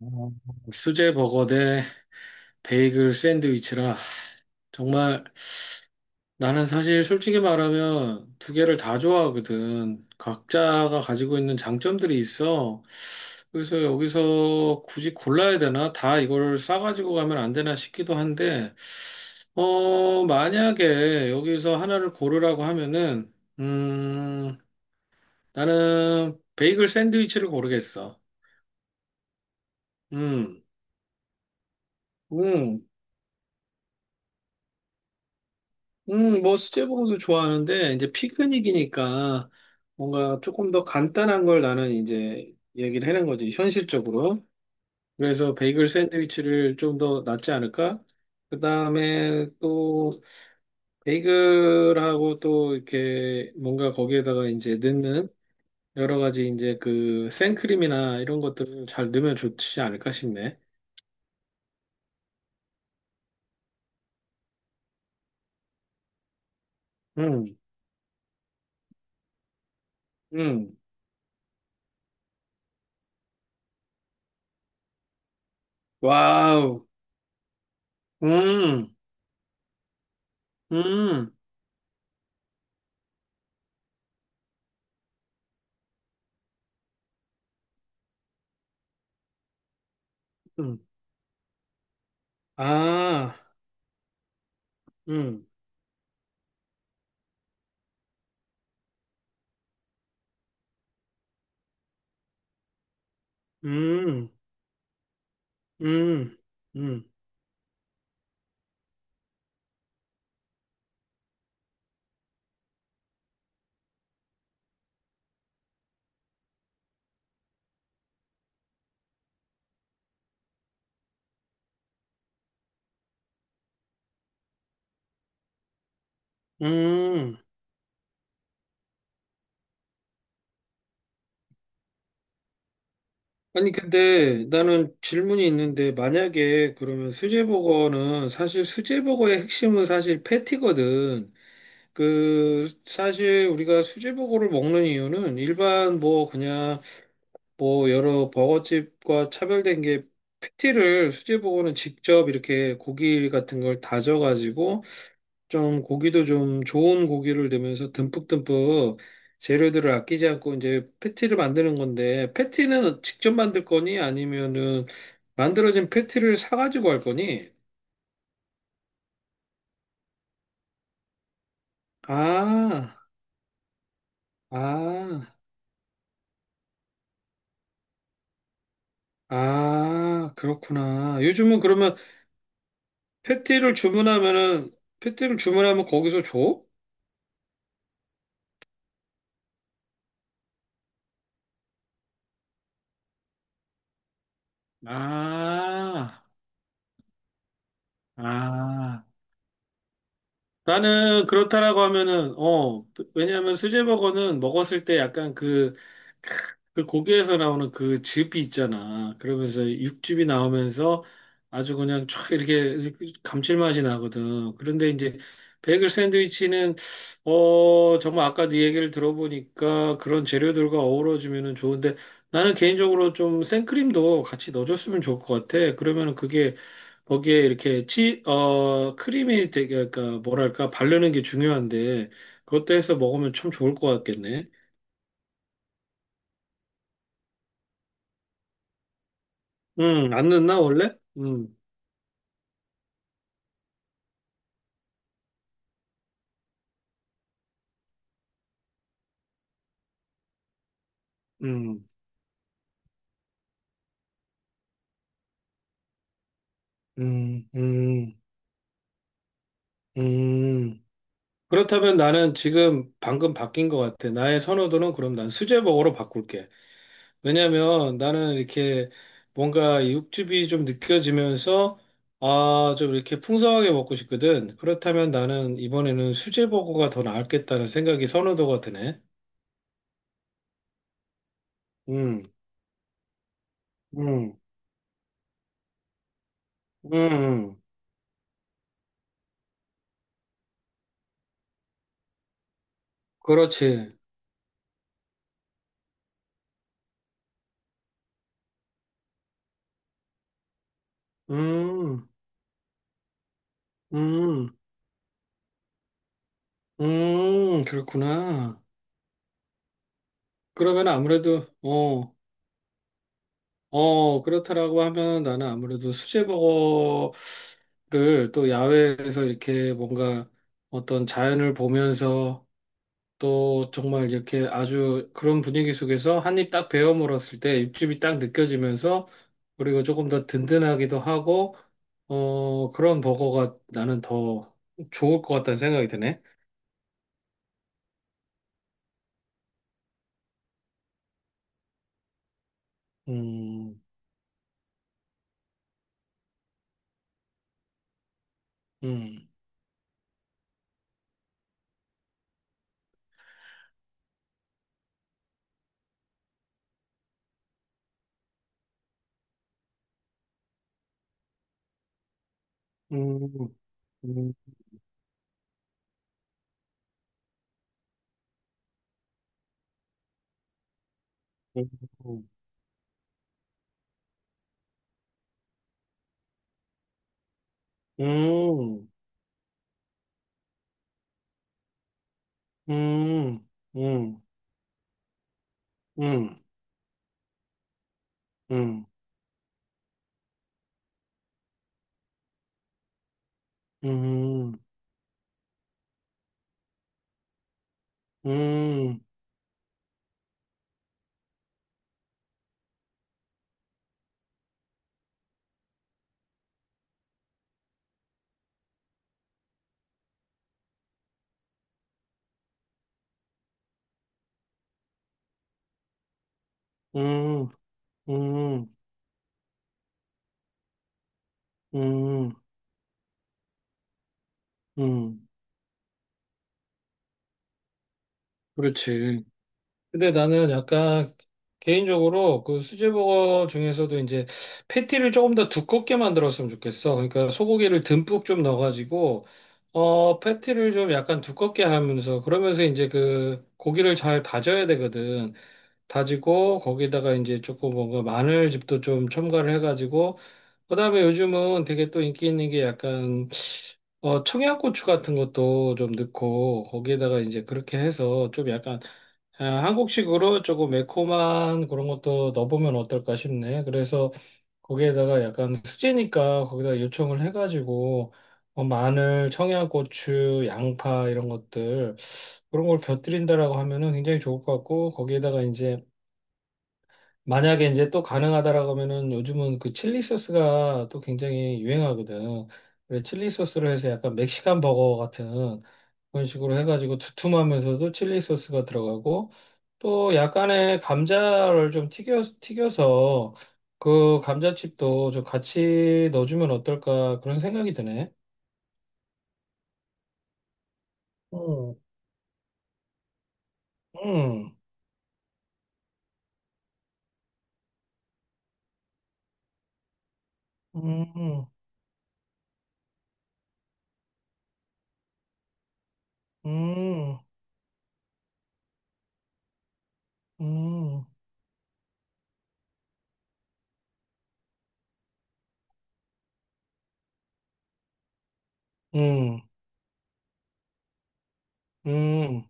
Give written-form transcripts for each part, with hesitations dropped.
어, 수제 버거 대 베이글 샌드위치라. 정말 나는 사실 솔직히 말하면 두 개를 다 좋아하거든. 각자가 가지고 있는 장점들이 있어. 그래서 여기서 굳이 골라야 되나? 다 이걸 싸가지고 가면 안 되나 싶기도 한데, 만약에 여기서 하나를 고르라고 하면은, 음, 나는 베이글 샌드위치를 고르겠어. 음, 음. 뭐 수제버거도 좋아하는데 이제 피크닉이니까 뭔가 조금 더 간단한 걸 나는 이제 얘기를 해낸 거지 현실적으로. 그래서 베이글 샌드위치를 좀 더 낫지 않을까? 그 다음에 또 베이글하고 또 이렇게 뭔가 거기에다가 이제 넣는 여러 가지 이제 그 생크림이나 이런 것들을 잘 넣으면 좋지 않을까 싶네. 음, 음, 와우, 음, 음, 음, 아, 음. 음, 음, 음, 음. 아니, 근데 나는 질문이 있는데, 만약에 그러면 수제버거는 사실 수제버거의 핵심은 사실 패티거든. 사실 우리가 수제버거를 먹는 이유는 일반 뭐 그냥 뭐 여러 버거집과 차별된 게 패티를 수제버거는 직접 이렇게 고기 같은 걸 다져가지고 좀 고기도 좀 좋은 고기를 넣으면서 듬뿍듬뿍 재료들을 아끼지 않고 이제 패티를 만드는 건데 패티는 직접 만들 거니 아니면은 만들어진 패티를 사가지고 할 거니? 아, 아, 아, 그렇구나. 요즘은 그러면 패티를 주문하면은 패티를 주문하면 거기서 줘? 아, 아. 나는 그렇다라고 하면은 왜냐하면 수제버거는 먹었을 때 약간 그 고기에서 나오는 그 즙이 있잖아 그러면서 육즙이 나오면서 아주 그냥 촥 이렇게 감칠맛이 나거든 그런데 이제 베이글 샌드위치는 정말 아까 네 얘기를 들어보니까 그런 재료들과 어우러지면은 좋은데 나는 개인적으로 좀 생크림도 같이 넣어줬으면 좋을 것 같아 그러면은 그게 거기에 이렇게 크림이 되게, 그러니까 뭐랄까, 바르는 게 중요한데, 그것도 해서 먹으면 참 좋을 것 같겠네. 안 넣나, 원래? 음, 음, 음, 음, 음. 그렇다면 나는 지금 방금 바뀐 것 같아. 나의 선호도는 그럼 난 수제버거로 바꿀게. 왜냐면 나는 이렇게 뭔가 육즙이 좀 느껴지면서, 아, 좀 이렇게 풍성하게 먹고 싶거든. 그렇다면 나는 이번에는 수제버거가 더 나았겠다는 생각이 선호도가 드네. 음, 음, 음, 그렇지. 음, 음, 그렇구나. 그러면 아무래도, 그렇다라고 하면 나는 아무래도 수제버거를 또 야외에서 이렇게 뭔가 어떤 자연을 보면서 또 정말 이렇게 아주 그런 분위기 속에서 한입 딱 베어 물었을 때 육즙이 딱 느껴지면서 그리고 조금 더 든든하기도 하고 그런 버거가 나는 더 좋을 것 같다는 생각이 드네. 음, 음, 음, 음, 음, 음, 음, 음, 음, 음, 음, 음, 음, 음, 음, 음, 음. 그렇지. 근데 나는 약간 개인적으로 그 수제버거 중에서도 이제 패티를 조금 더 두껍게 만들었으면 좋겠어. 그러니까 소고기를 듬뿍 좀 넣어가지고 패티를 좀 약간 두껍게 하면서 그러면서 이제 그 고기를 잘 다져야 되거든. 다지고 거기다가 이제 조금 뭔가 마늘즙도 좀 첨가를 해가지고 그다음에 요즘은 되게 또 인기 있는 게 약간 청양고추 같은 것도 좀 넣고 거기에다가 이제 그렇게 해서 좀 약간 한국식으로 조금 매콤한 그런 것도 넣어보면 어떨까 싶네. 그래서 거기에다가 약간 수제니까 거기다 요청을 해가지고 마늘, 청양고추, 양파 이런 것들 그런 걸 곁들인다라고 하면은 굉장히 좋을 것 같고 거기에다가 이제 만약에 이제 또 가능하다라고 하면은 요즘은 그 칠리 소스가 또 굉장히 유행하거든. 그래서 칠리 소스를 해서 약간 멕시칸 버거 같은 그런 식으로 해가지고 두툼하면서도 칠리 소스가 들어가고 또 약간의 감자를 좀 튀겨서 그 감자칩도 좀 같이 넣어주면 어떨까 그런 생각이 드네. 음, 음, 음, 음, 음, 음, 음.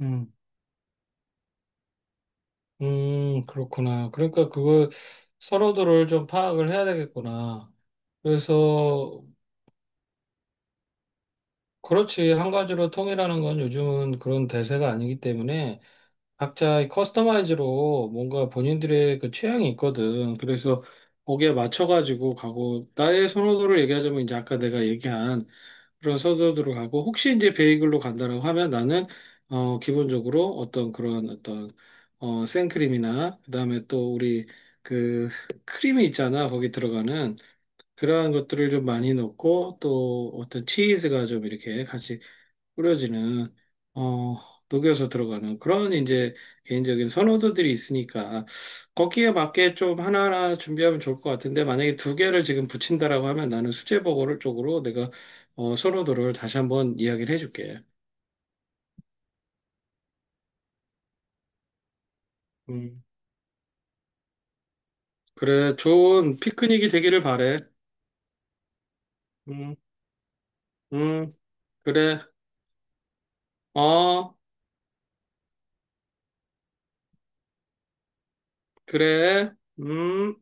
음. 그렇구나. 그러니까 그걸 서로들을 좀 파악을 해야 되겠구나. 그래서 그렇지. 한 가지로 통일하는 건 요즘은 그런 대세가 아니기 때문에 각자 커스터마이즈로 뭔가 본인들의 그 취향이 있거든. 그래서 거기에 맞춰가지고 가고 나의 선호도를 얘기하자면 이제 아까 내가 얘기한 그런 서도드로 가고 혹시 이제 베이글로 간다라고 하면 나는 기본적으로 어떤 그런 어떤 생크림이나 그다음에 또 우리 그 크림이 있잖아 거기 들어가는 그러한 것들을 좀 많이 넣고 또 어떤 치즈가 좀 이렇게 같이 꾸려지는 어, 녹여서 들어가는 그런 이제 개인적인 선호도들이 있으니까 거기에 맞게 좀 하나하나 준비하면 좋을 것 같은데 만약에 두 개를 지금 붙인다라고 하면 나는 수제버거를 쪽으로 내가 선호도를 다시 한번 이야기를 해줄게. 음, 그래, 좋은 피크닉이 되기를 바래. 음, 음, 그래, 어, 그래, 음.